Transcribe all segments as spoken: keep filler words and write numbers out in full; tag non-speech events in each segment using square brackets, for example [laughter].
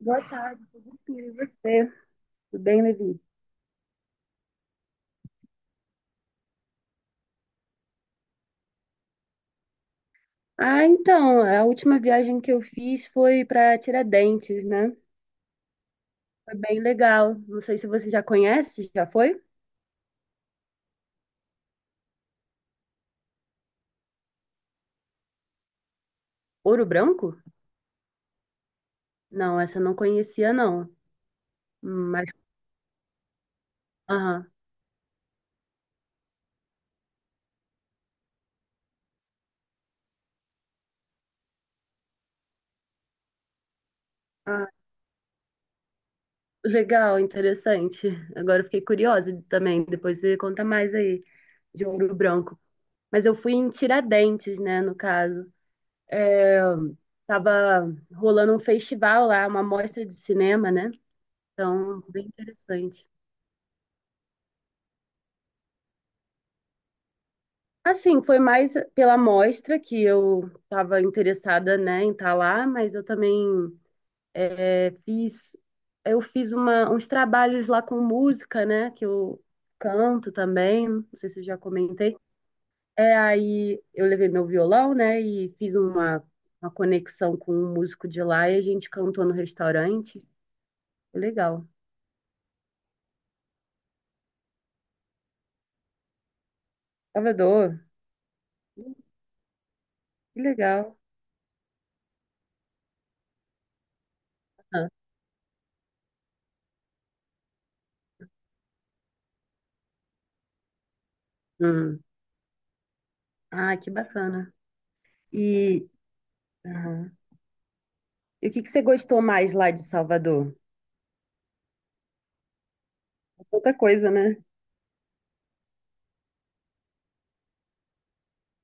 Boa tarde, sim, e você? Tudo bem, Levi? Ah, então, a última viagem que eu fiz foi para Tiradentes, né? Foi bem legal. Não sei se você já conhece, já foi? Ouro Branco? Não, essa eu não conhecia, não. Hum, mas, aham. Ah, legal, interessante. Agora eu fiquei curiosa também. Depois você conta mais aí de Ouro Branco. Mas eu fui em Tiradentes, né, no caso. Tava rolando um festival lá, uma mostra de cinema, né? Então, bem interessante. Assim, foi mais pela amostra que eu estava interessada, né, em estar lá, mas eu também é, fiz, eu fiz uma- uns trabalhos lá com música, né, que eu canto também, não sei se eu já comentei. É, aí eu levei meu violão, né, e fiz uma, uma conexão com um músico de lá e a gente cantou no restaurante. Legal. Salvador, que legal. Ah, hum. Ah, que bacana. E, E o que que você gostou mais lá de Salvador? Outra coisa, né?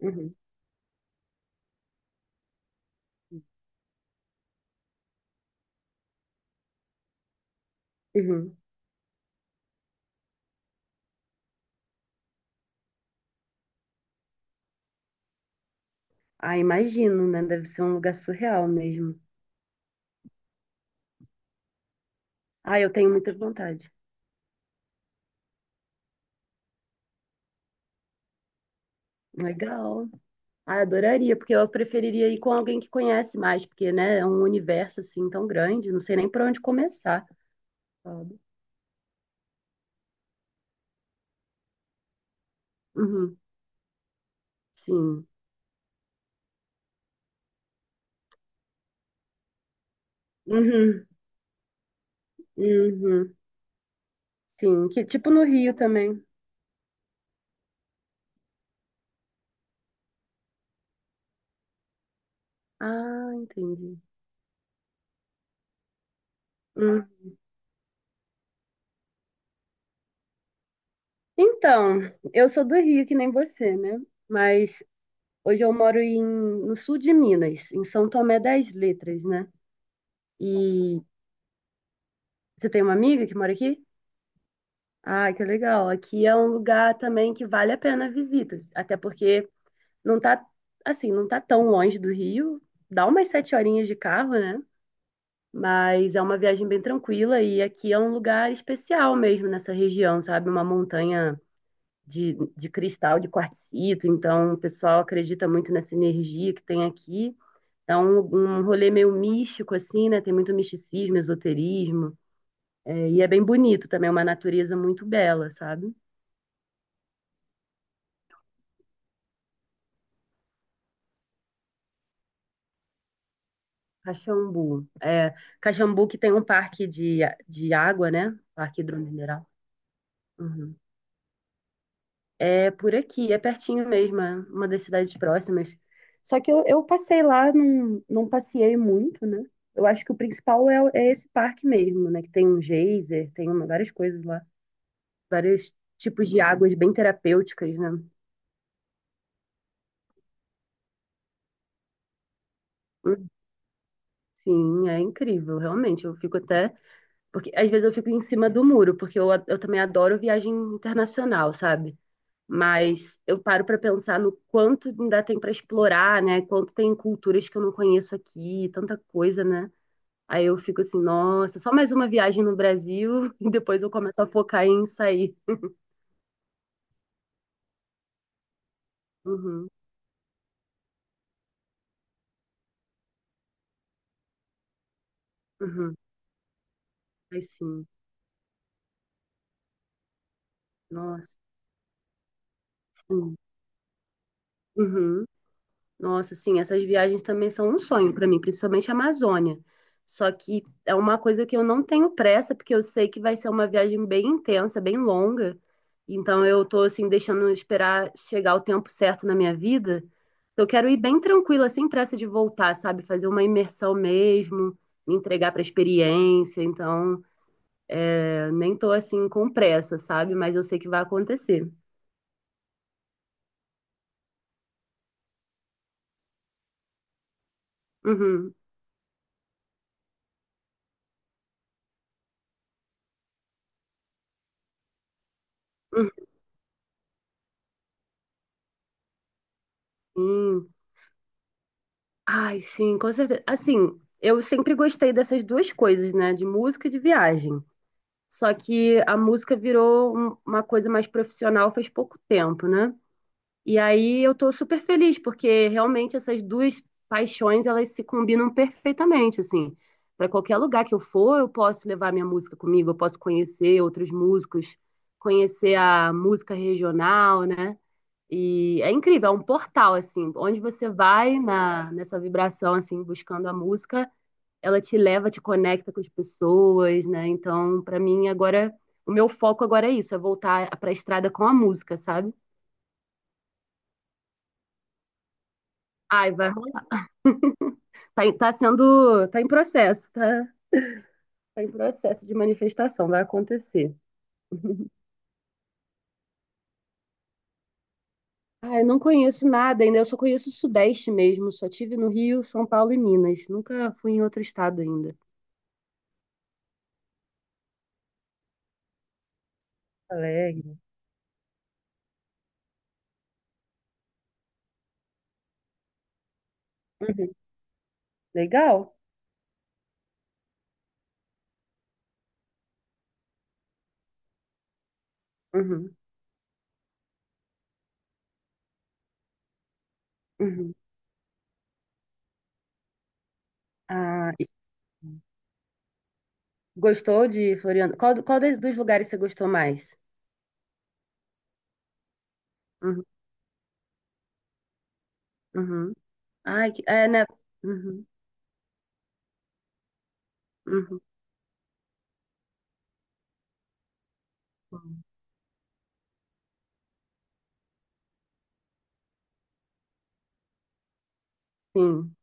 Uhum, uhum. Ah, imagino, né? Deve ser um lugar surreal mesmo. Ah, eu tenho muita vontade. Legal. Ah, adoraria, porque eu preferiria ir com alguém que conhece mais, porque, né, é um universo assim tão grande, não sei nem por onde começar, sabe? Uhum, sim. Uhum, uhum, sim. Que tipo no Rio também. Ah, entendi. Hum. Então, eu sou do Rio, que nem você, né? Mas hoje eu moro em, no sul de Minas, em São Tomé das Letras, né? E você tem uma amiga que mora aqui? Ah, que legal. Aqui é um lugar também que vale a pena visitas, até porque não tá, assim, não tá tão longe do Rio, dá umas sete horinhas de carro, né? Mas é uma viagem bem tranquila e aqui é um lugar especial mesmo nessa região, sabe? Uma montanha de, de, cristal, de quartzito, então o pessoal acredita muito nessa energia que tem aqui. É um, um rolê meio místico, assim, né? Tem muito misticismo, esoterismo. É, e é bem bonito também, é uma natureza muito bela, sabe? Caxambu. É, Caxambu que tem um parque de, de água, né? Parque hidromineral. Uhum. É por aqui, é pertinho mesmo, é uma das cidades próximas. Só que eu, eu passei lá, não, não passeei muito, né? Eu acho que o principal é, o- é esse parque mesmo, né? Que tem um geyser, tem uma- várias coisas lá, vários tipos de águas bem terapêuticas, né? Sim, é incrível, realmente. Eu fico até. Porque às vezes eu fico em cima do muro, porque eu, eu também adoro viagem internacional, sabe? Mas eu paro para pensar no quanto ainda tem para explorar, né? Quanto tem culturas que eu não conheço aqui, tanta coisa, né? Aí eu fico assim, nossa, só mais uma viagem no Brasil [laughs] e depois eu começo a focar em sair. Uhum, uhum. Aí sim, nossa, sim. Uhum. Nossa, sim, essas viagens também são um sonho para mim, principalmente a Amazônia. Só que é uma coisa que eu não tenho pressa, porque eu sei que vai ser uma viagem bem intensa, bem longa. Então eu tô assim deixando esperar chegar o tempo certo na minha vida. Eu quero ir bem tranquila, sem pressa de voltar, sabe? Fazer uma imersão mesmo, me entregar para a experiência. Então, eu nem tô assim com pressa, sabe? Mas eu sei que vai acontecer. Uhum. Uhum. Sim. Ai, sim, com certeza. Assim, eu sempre gostei dessas duas coisas, né? De música e de viagem. Só que a música virou um- uma coisa mais profissional faz pouco tempo, né? E aí eu tô super feliz, porque realmente essas duas paixões, elas se combinam perfeitamente, assim. Para qualquer lugar que eu for, eu posso levar minha música comigo, eu posso conhecer outros músicos, conhecer a música regional, né? E é incrível, é um portal, assim, onde você vai na, nessa vibração, assim, buscando a música, ela te leva, te conecta com as pessoas, né? Então, pra mim, agora, o meu foco agora é isso, é voltar pra estrada com a música, sabe? Ai, vai rolar. Tá, em- tá sendo, tá em processo, tá, tá em processo de manifestação, vai acontecer. [laughs] Ai, não conheço nada ainda, eu só conheço o Sudeste mesmo, só tive no Rio, São Paulo e Minas, nunca fui em outro estado ainda. Alegre. Uhum. Legal. Uhum. Uhum. Ah, e gostou de Floriano? Qual, qual des- dos lugares você gostou mais? Uhum. Uhum. Ai, que, é, né? Uhum. Uhum. Sim.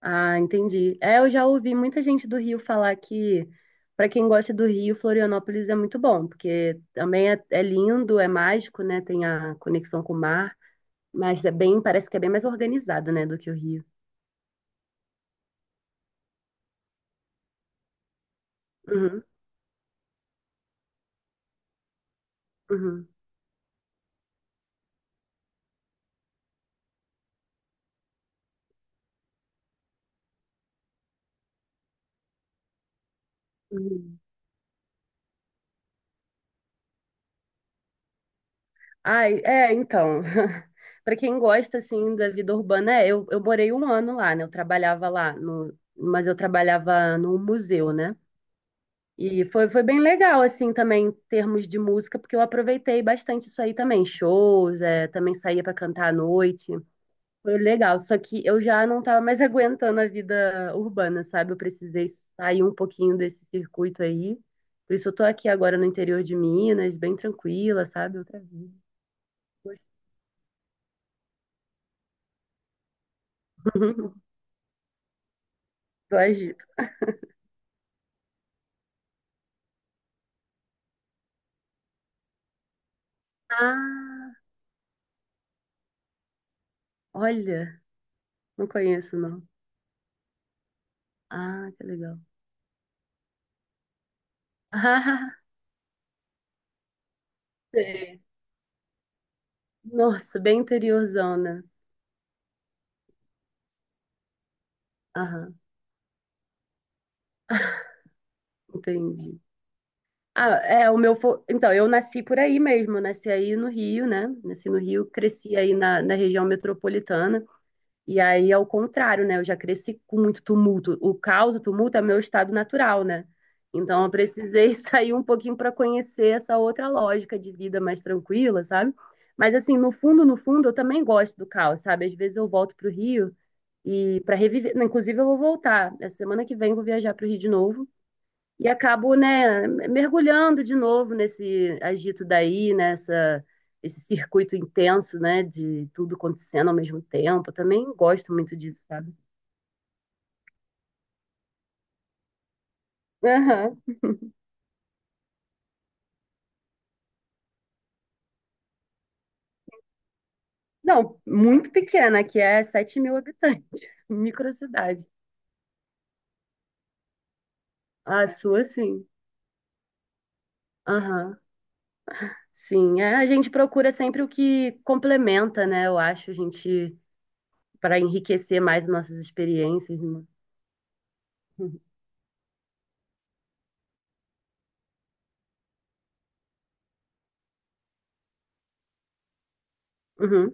Ah, entendi. É, eu já ouvi muita gente do Rio falar que, para quem gosta do Rio, Florianópolis é muito bom, porque também é, é, lindo, é mágico, né? Tem a conexão com o mar, mas é bem, parece que é bem mais organizado, né, do que o Rio. Uhum. Uhum. Uhum. Ai, é, então. [laughs] Para quem gosta assim da vida urbana, é, eu, eu morei um ano lá, né? Eu trabalhava lá no, mas eu trabalhava no museu, né? E foi, foi bem legal assim também em termos de música, porque eu aproveitei bastante isso aí também, shows, é, também saía para cantar à noite. Foi legal, só que eu já não tava mais [laughs] aguentando a vida urbana, sabe? Eu precisei sair um pouquinho desse circuito aí. Por isso eu tô aqui agora no interior de Minas, bem tranquila, sabe? Outra vida. [laughs] Do Egito. Ah, olha, não conheço, não. Ah, que legal. [laughs] Ah, sei. Nossa, bem interiorzona. Aham, [laughs] entendi. Ah, é, o meu. fo- então, eu nasci por aí mesmo, nasci aí no Rio, né? Nasci no Rio, cresci aí na, na, região metropolitana. E aí, ao contrário, né? Eu já cresci com muito tumulto. O caos, o tumulto é meu estado natural, né? Então, eu precisei [laughs] sair um pouquinho para conhecer essa outra lógica de vida mais tranquila, sabe? Mas, assim, no fundo, no fundo, eu também gosto do caos, sabe? Às vezes eu volto para o Rio e para reviver. Inclusive, eu vou voltar. Essa semana que vem, eu vou viajar para o Rio de novo. E acabo, né, mergulhando de novo nesse agito daí, nessa esse circuito intenso, né, de tudo acontecendo ao mesmo tempo. Eu também gosto muito disso, sabe? Aham. Não, muito pequena, que é sete mil habitantes, [laughs] microcidade. A sua, sim. Aham. Sim, é, a gente procura sempre o que complementa, né? Eu acho, a gente, para enriquecer mais nossas experiências, né? Uhum.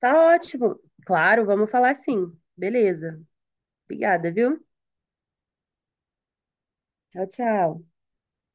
Tá ótimo. Claro, vamos falar sim. Beleza. Obrigada, viu? Tchau, tchau.